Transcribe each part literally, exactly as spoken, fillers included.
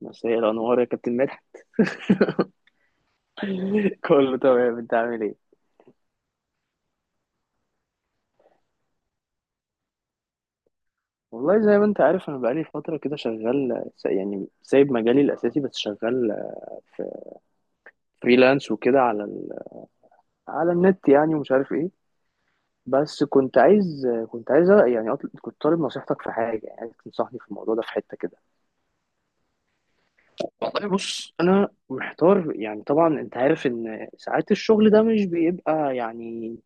مساء الأنوار يا كابتن مدحت. كله تمام، أنت عامل إيه؟ والله، زي ما أنت عارف، أنا بقالي فترة كده شغال س- يعني سايب مجالي الأساسي، بس شغال في فريلانس وكده على ال... على النت يعني، ومش عارف إيه. بس كنت عايز كنت عايز يعني، أطل... كنت طالب نصيحتك في حاجة، يعني عايز تنصحني في الموضوع ده في حتة كده. والله بص، أنا محتار. يعني طبعا أنت عارف إن ساعات الشغل ده مش بيبقى يعني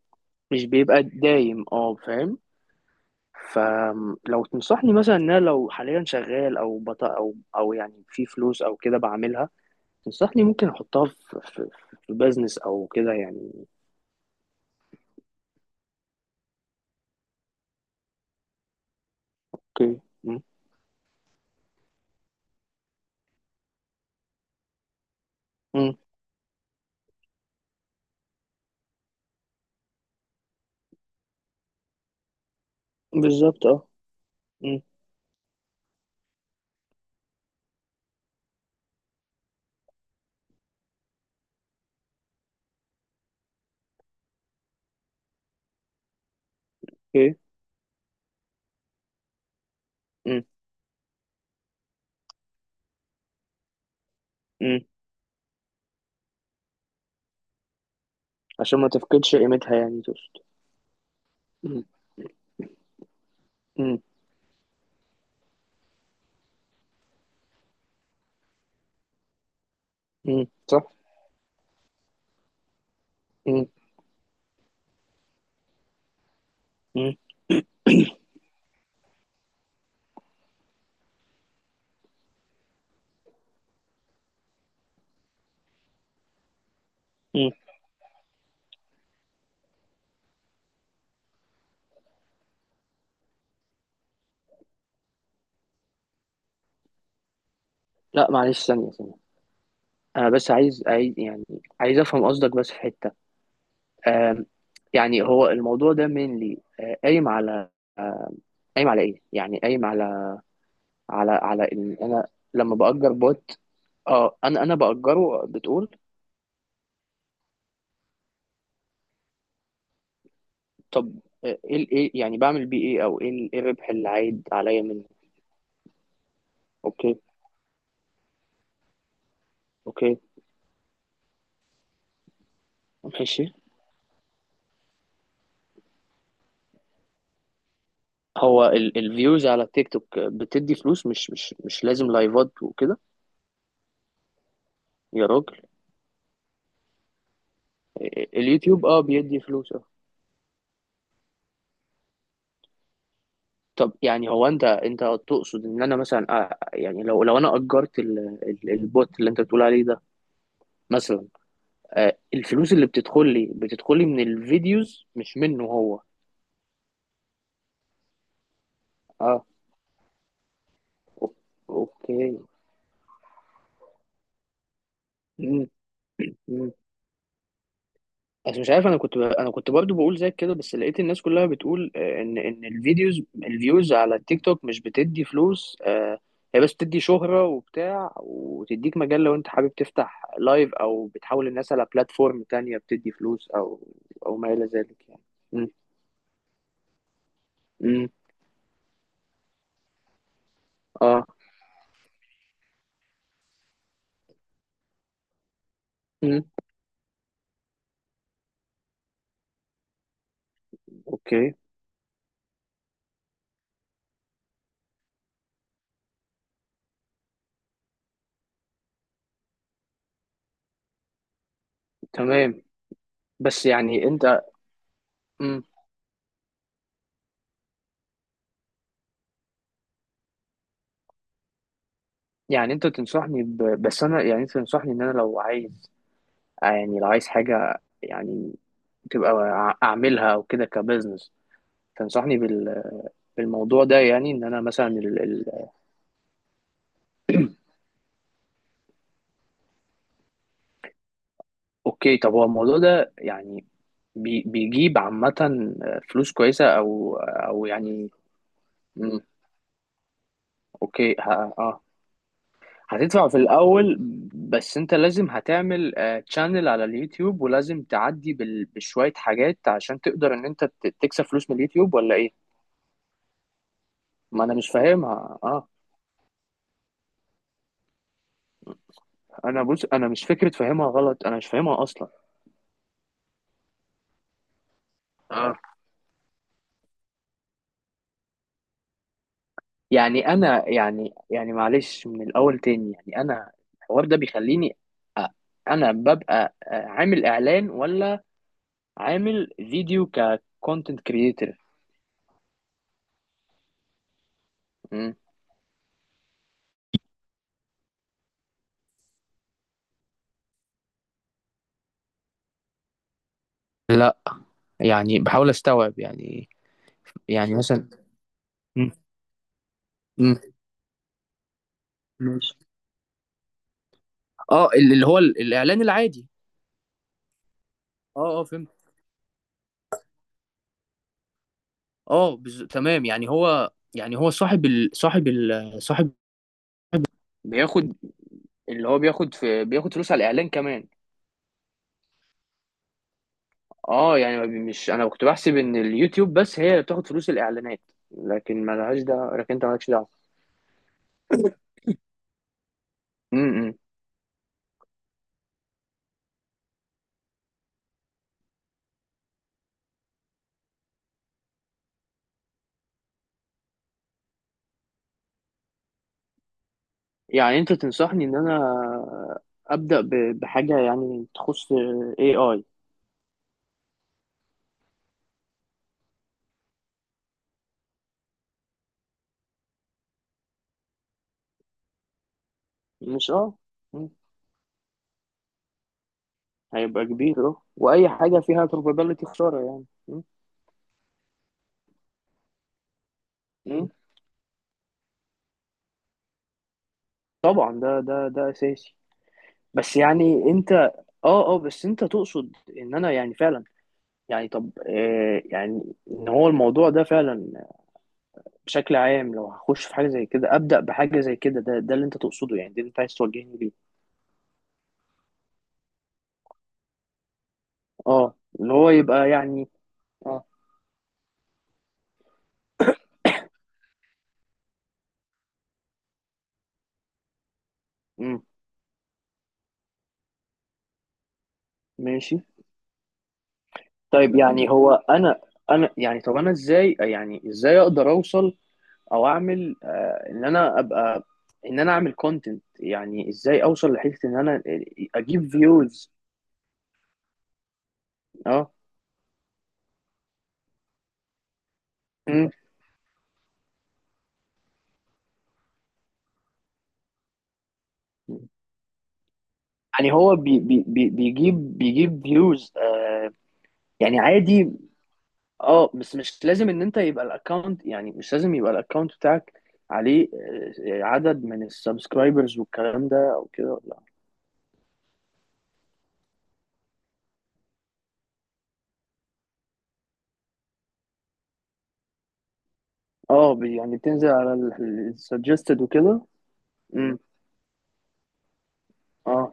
مش بيبقى دايم، أه فاهم. فلو تنصحني مثلا ان انا لو حاليا شغال او بط او او يعني في فلوس او كده بعملها، تنصحني ممكن احطها في في, في بزنس او كده يعني. اوكي، مم. مم. بالظبط، اه. مم. اوكي، مم. مم. عشان ما تفقدش قيمتها يعني تقصد. مم. مم. مم. صح. مم. مم. مم. لا، معلش ثانية ثانية، انا بس عايز عايز يعني، عايز افهم قصدك بس في حتة. آم، يعني هو الموضوع ده mainly، آه، قايم على، قايم على ايه؟ يعني قايم على، على على ان انا لما باجر بوت. اه، انا انا باجره بتقول. طب، آه، ايه ال- ايه يعني بعمل بيه ايه، او ايه ال- إيه الربح اللي عايد عليا منه؟ اوكي. اوكي. ماشي. هو الفيوز على التيك توك بتدي فلوس، مش مش مش لازم لايفات وكده؟ يا راجل! آه، اليوتيوب اه بيدي فلوس، اه. طب يعني هو انت انت تقصد ان انا مثلا، آه، يعني لو لو انا اجرت ال- ال- البوت اللي انت بتقول عليه ده، مثلا آه، الفلوس اللي بتدخل لي بتدخل لي من الفيديوز مش منه هو؟ اه. أو- اوكي. مم، مم. بس مش عارف، انا كنت ب... انا كنت برضو بقول زي كده، بس لقيت الناس كلها بتقول، آه، ان ان الفيديوز الفيوز على التيك توك مش بتدي فلوس آه، هي بس بتدي شهرة وبتاع، وتديك مجال لو انت حابب تفتح لايف، او بتحول الناس على بلاتفورم تانية بتدي فلوس، او او ما الى ذلك يعني. مم، مم، اه، مم. اوكي. تمام. بس يعني انت، يعني انت تنصحني ب... بس انا يعني، انت تنصحني ان انا لو عايز آه، يعني لو عايز حاجة يعني، تبقى ع- اعملها او كده كبزنس. تنصحني بال... بالموضوع ده، يعني ان انا مثلا، ال... ال... اوكي. طب، هو الموضوع ده يعني بي... بيجيب عامة آه، فلوس كويسة، او او يعني. مم. اوكي، ه... اه. هتدفع في الاول. بس انت لازم هتعمل تشانل على اليوتيوب، ولازم تعدي بال... بشوية حاجات عشان تقدر ان انت ت- تكسب فلوس من اليوتيوب، ولا ايه؟ ما انا مش فاهمها، اه. انا، بص، انا مش فكره فاهمها غلط، انا مش فاهمها اصلا. اه. يعني انا، يعني يعني معلش من الاول تاني، يعني انا، الحوار ده بيخليني، أ- انا ببقى أ- عامل اعلان ولا عامل فيديو ككونتنت كرييتور؟ يعني بحاول استوعب يعني. يعني مثلا. مم. مم. ماشي. اه، ال- اللي هو ال- الاعلان العادي. اه اه، فهمت. اه بز... تمام. يعني هو، يعني هو صاحب ال... صاحب ال... صاحب، بياخد، اللي هو بياخد في بياخد فلوس على الاعلان كمان. اه يعني ما بي- مش، انا كنت بحسب ان اليوتيوب بس هي اللي بتاخد فلوس الاعلانات، لكن ما لهاش ده، لكن انت مالكش دعوه. امم يعني انت تنصحني ان انا ابدا ب- بحاجه يعني تخص. اي اي. مش اه. مم. هيبقى كبير، اه. واي حاجه فيها probability خساره يعني. مم. مم. طبعا، ده ده ده اساسي. بس يعني انت، اه اه، بس انت تقصد ان انا يعني فعلا، يعني طب، آه، يعني ان هو الموضوع ده فعلا، بشكل عام، لو هخش في حاجه زي كده ابدا بحاجه زي كده، ده ده اللي انت تقصده يعني، ده اللي انت عايز توجهني ليه؟ اه، اللي هو يبقى يعني. اه. امم. ماشي. طيب يعني هو انا، انا يعني طب، انا ازاي يعني ازاي اقدر اوصل، او اعمل، آه ان انا ابقى ان انا اعمل كونتنت، يعني ازاي اوصل لحته ان انا، آه، اجيب فيوز. اه. امم. يعني هو بي بي بي- بيجيب بيجيب فيوز. يعني عادي. اه، بس مش لازم ان انت يبقى الاكونت يعني مش لازم يبقى الاكونت بتاعك عليه آه، عدد من السبسكرايبرز والكلام ده او كده، لا. اه، بي- يعني بتنزل على السجستد وكده. امم. اه.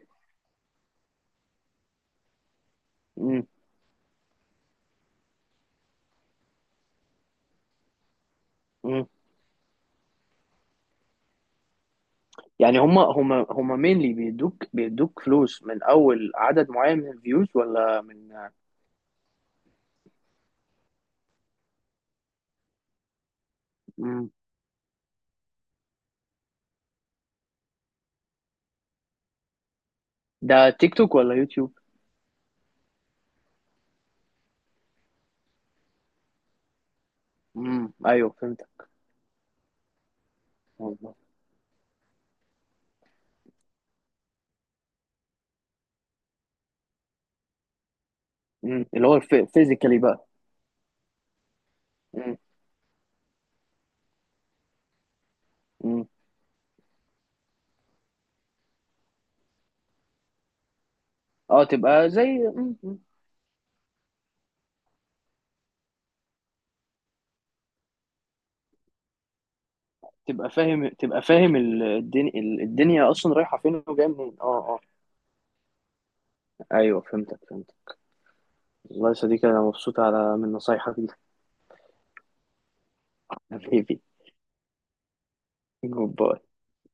امم. امم. يعني هما هما هما مينلي بيدوك بيدوك فلوس من اول عدد معين من الفيوز، ولا من... امم ده تيك توك ولا يوتيوب؟ امم ايوه فهمت. والله. امم اللي هو فيزيكالي بقى. امم. امم. اه تبقى زي... مم. تبقى فاهم، تبقى فاهم ال- الدنيا ال- الدنيا اصلا رايحه فين وجايه منين، اه اه. ايوه فهمتك فهمتك. والله يا صديقي، انا مبسوط على من نصايحك دي. حبيبي. جود باي.